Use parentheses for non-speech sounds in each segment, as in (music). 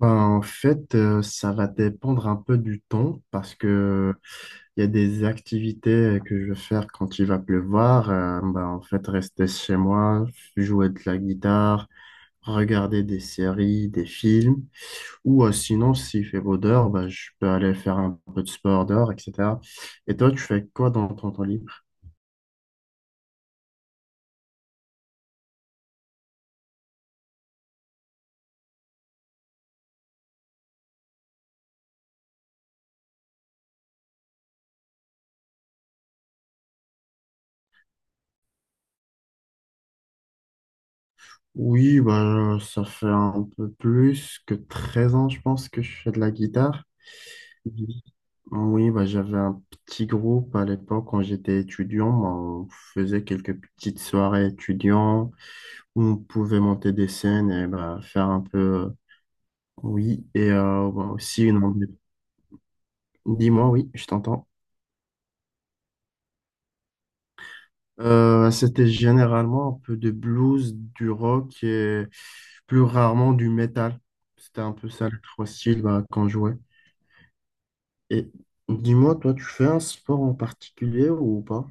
Ben, en fait, ça va dépendre un peu du temps parce que il y a des activités que je vais faire quand il va pleuvoir. Ben, en fait, rester chez moi, jouer de la guitare, regarder des séries, des films. Ou sinon, s'il fait beau dehors, ben, je peux aller faire un peu de sport dehors, etc. Et toi, tu fais quoi dans ton temps libre? Oui, ben, ça fait un peu plus que 13 ans, je pense, que je fais de la guitare. Oui, bah, j'avais un petit groupe à l'époque quand j'étais étudiant. Bah, on faisait quelques petites soirées étudiants où on pouvait monter des scènes et bah, faire un peu. Oui, et bah, aussi une. Dis-moi, oui, je t'entends. C'était généralement un peu de blues, du rock et plus rarement du métal. C'était un peu ça les trois styles bah, qu'on jouait. Et dis-moi, toi, tu fais un sport en particulier ou pas?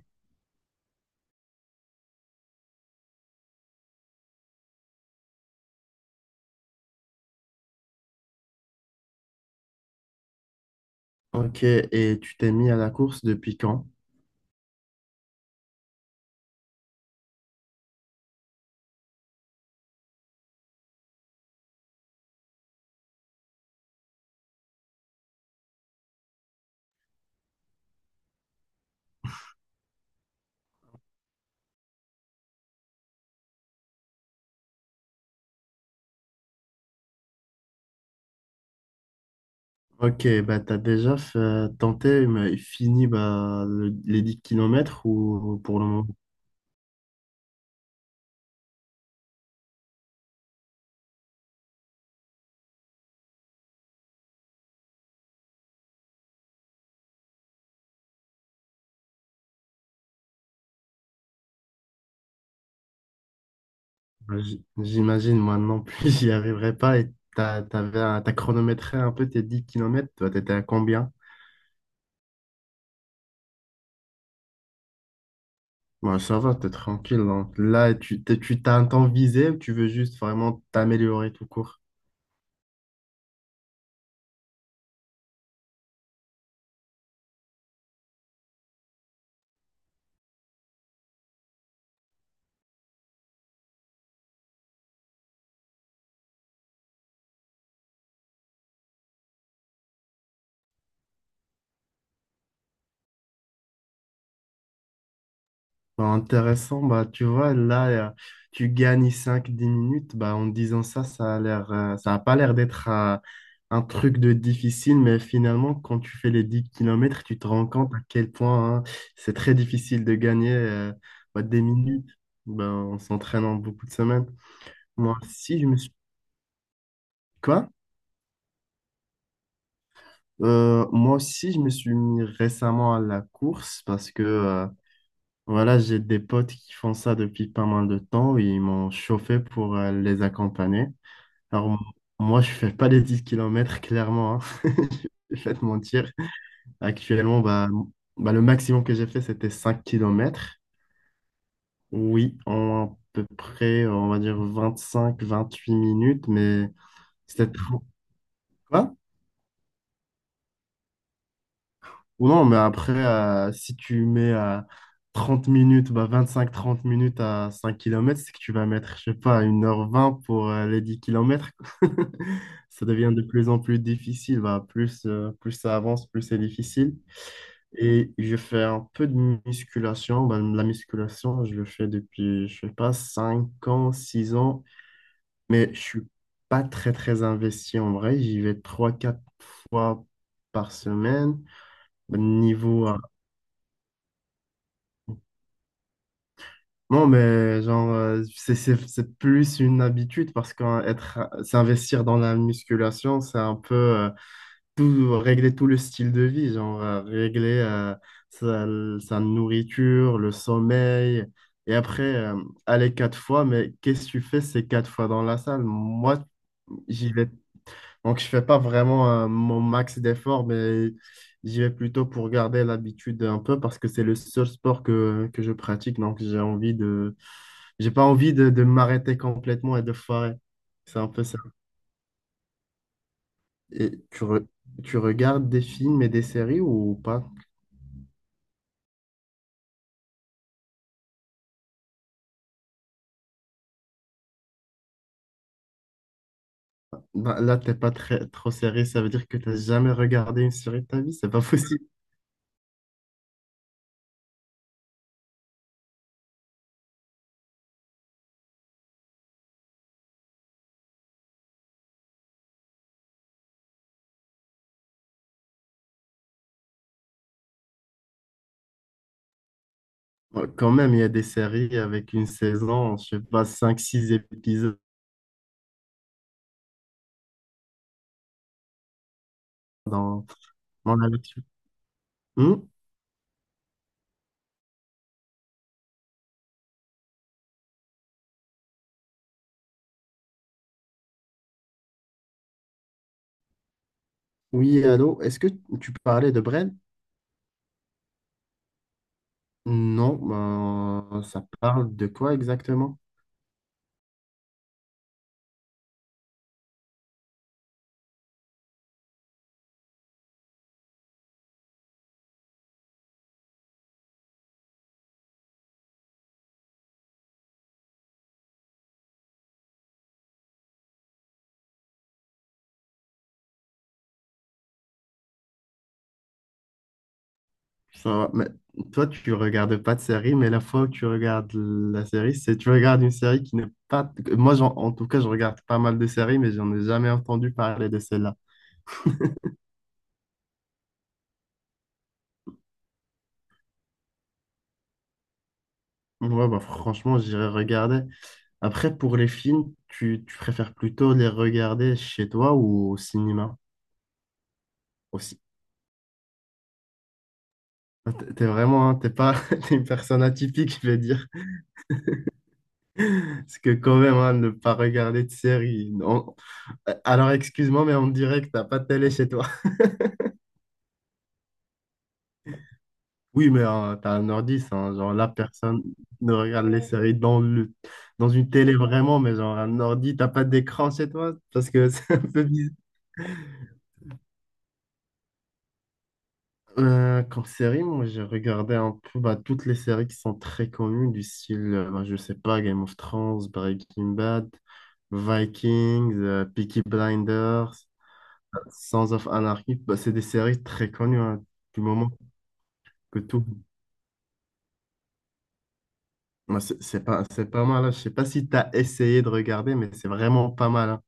Ok, et tu t'es mis à la course depuis quand? Ok, bah tenté, mais fini bah, les 10 kilomètres ou pour le moment, bah, j'imagine moi non plus (laughs) j'y arriverai pas. Et t'avais, t'as chronométré un peu tes 10 kilomètres, toi t'étais à combien? Bah, ça va, t'es tranquille, hein. Là, tu t'as un temps visé ou tu veux juste vraiment t'améliorer tout court? Bah, intéressant, bah, tu vois, là, tu gagnes 5 10 minutes. Bah, en disant ça, ça a l'air, ça a pas l'air d'être un truc de difficile, mais finalement, quand tu fais les 10 kilomètres tu te rends compte à quel point hein, c'est très difficile de gagner bah, des minutes. Bah, en s'entraînant beaucoup de semaines. Moi aussi, je me suis... Quoi? Moi aussi, je me suis mis récemment à la course parce que... voilà, j'ai des potes qui font ça depuis pas mal de temps. Ils m'ont chauffé pour les accompagner. Alors, moi, je fais pas les 10 kilomètres clairement, hein. (laughs) Je vais pas te mentir. Actuellement, bah, bah, le maximum que j'ai fait, c'était 5 kilomètres. Oui, en à peu près, on va dire 25 28 minutes, mais c'était trop. Ou non, mais après, si tu mets à 30 minutes, bah 25 30 minutes à 5 kilomètres c'est que tu vas mettre, je sais pas, 1h20 pour les 10 kilomètres. (laughs) Ça devient de plus en plus difficile. Bah, plus, plus ça avance, plus c'est difficile. Et je fais un peu de musculation. Bah, la musculation, je le fais depuis, je sais pas, 5 ans, 6 ans. Mais je suis pas très, très investi en vrai. J'y vais 3 4 fois par semaine. Bah, niveau, non, mais genre, c'est plus une habitude parce que être, s'investir dans la musculation, c'est un peu tout, régler tout le style de vie, genre régler sa, sa nourriture, le sommeil. Et après, aller 4 fois, mais qu'est-ce que tu fais ces 4 fois dans la salle? Moi, j'y vais. Donc, je fais pas vraiment mon max d'efforts, mais j'y vais plutôt pour garder l'habitude un peu parce que c'est le seul sport que je pratique. Donc, j'ai pas envie de m'arrêter complètement et de foirer. C'est un peu ça. Et tu regardes des films et des séries ou pas? Bah, là, t'es pas très, trop série. Ça veut dire que t'as jamais regardé une série de ta vie. C'est pas possible. Ouais, quand même, il y a des séries avec une saison, je sais pas, 5 6 épisodes dans, dans la nature. Hmm. Oui, allô? Est-ce que tu parlais de Brel? Non, ben, ça parle de quoi exactement? Ça, mais toi, tu regardes pas de série, mais la fois où tu regardes la série, c'est tu regardes une série qui n'est pas. Moi, en tout cas, je regarde pas mal de séries, mais j'en ai jamais entendu parler de celle-là. Ouais, bah, franchement, j'irai regarder. Après, pour les films, tu préfères plutôt les regarder chez toi ou au cinéma aussi? Ah, t'es vraiment, hein, t'es pas, (laughs) t'es une personne atypique, je vais dire. Parce que quand même, hein, ne pas regarder de série. Non. Alors, excuse-moi, mais on dirait que t'as pas de télé chez toi. Oui, mais t'as un ordi, ça, hein. Genre, la personne ne regarde les, ouais, séries dans le, dans une télé vraiment, mais genre, un ordi, t'as pas d'écran chez toi? Parce que (laughs) c'est un peu bizarre. Comme série, moi, j'ai regardé un peu bah, toutes les séries qui sont très connues, du style, bah, je sais pas, Game of Thrones, Breaking Bad, Vikings, Peaky Blinders, Sons of Anarchy. Bah, c'est des séries très connues, hein, du moment que tout. Moi, c'est pas mal, hein. Je sais pas si tu as essayé de regarder, mais c'est vraiment pas mal, hein.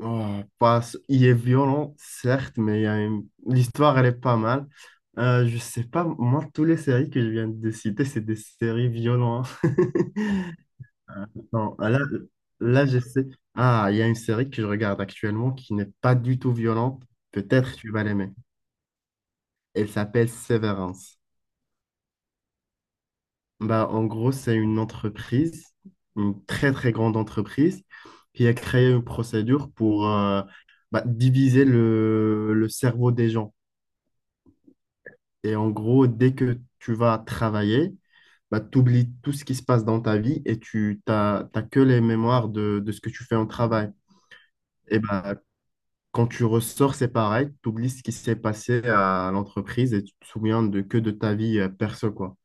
Oh, pas- il est violent, certes, mais il y a l'histoire, elle est pas mal. Je sais pas, moi, toutes les séries que je viens de citer, c'est des séries violentes, hein. (laughs) Euh, Non, là, là, je sais. Ah, il y a une série que je regarde actuellement qui n'est pas du tout violente. Peut-être tu vas l'aimer. Elle s'appelle Severance. Bah, en gros, c'est une entreprise, une très très grande entreprise, qui a créé une procédure pour bah, diviser le cerveau des gens. Et en gros, dès que tu vas travailler, bah, tu oublies tout ce qui se passe dans ta vie et t'as que les mémoires de ce que tu fais en travail. Et bah, quand tu ressors, c'est pareil, tu oublies ce qui s'est passé à l'entreprise et tu te souviens de, que de ta vie perso, quoi.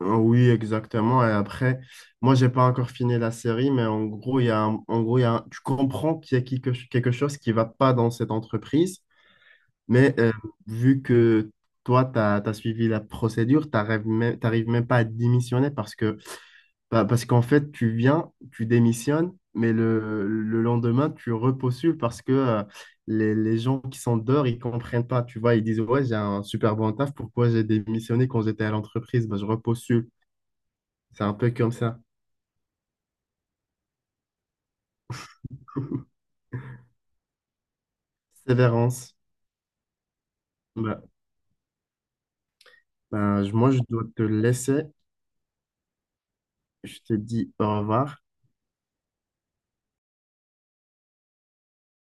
Ah oui, exactement. Et après, moi, j'ai pas encore fini la série, mais en gros, il y a tu comprends qu'il y a quelque, quelque chose qui va pas dans cette entreprise, mais vu que toi, tu as suivi la procédure, t'arrives même pas à démissionner parce que, bah, parce qu'en fait, tu viens, tu démissionnes, mais le lendemain, tu repostules parce que les gens qui sont dehors, ils comprennent pas. Tu vois, ils disent, ouais, j'ai un super bon taf, pourquoi j'ai démissionné quand j'étais à l'entreprise? Bah, je repostule. C'est un peu comme ça. Sévérance. Bah, bah, moi, je dois te laisser. Je te dis au revoir.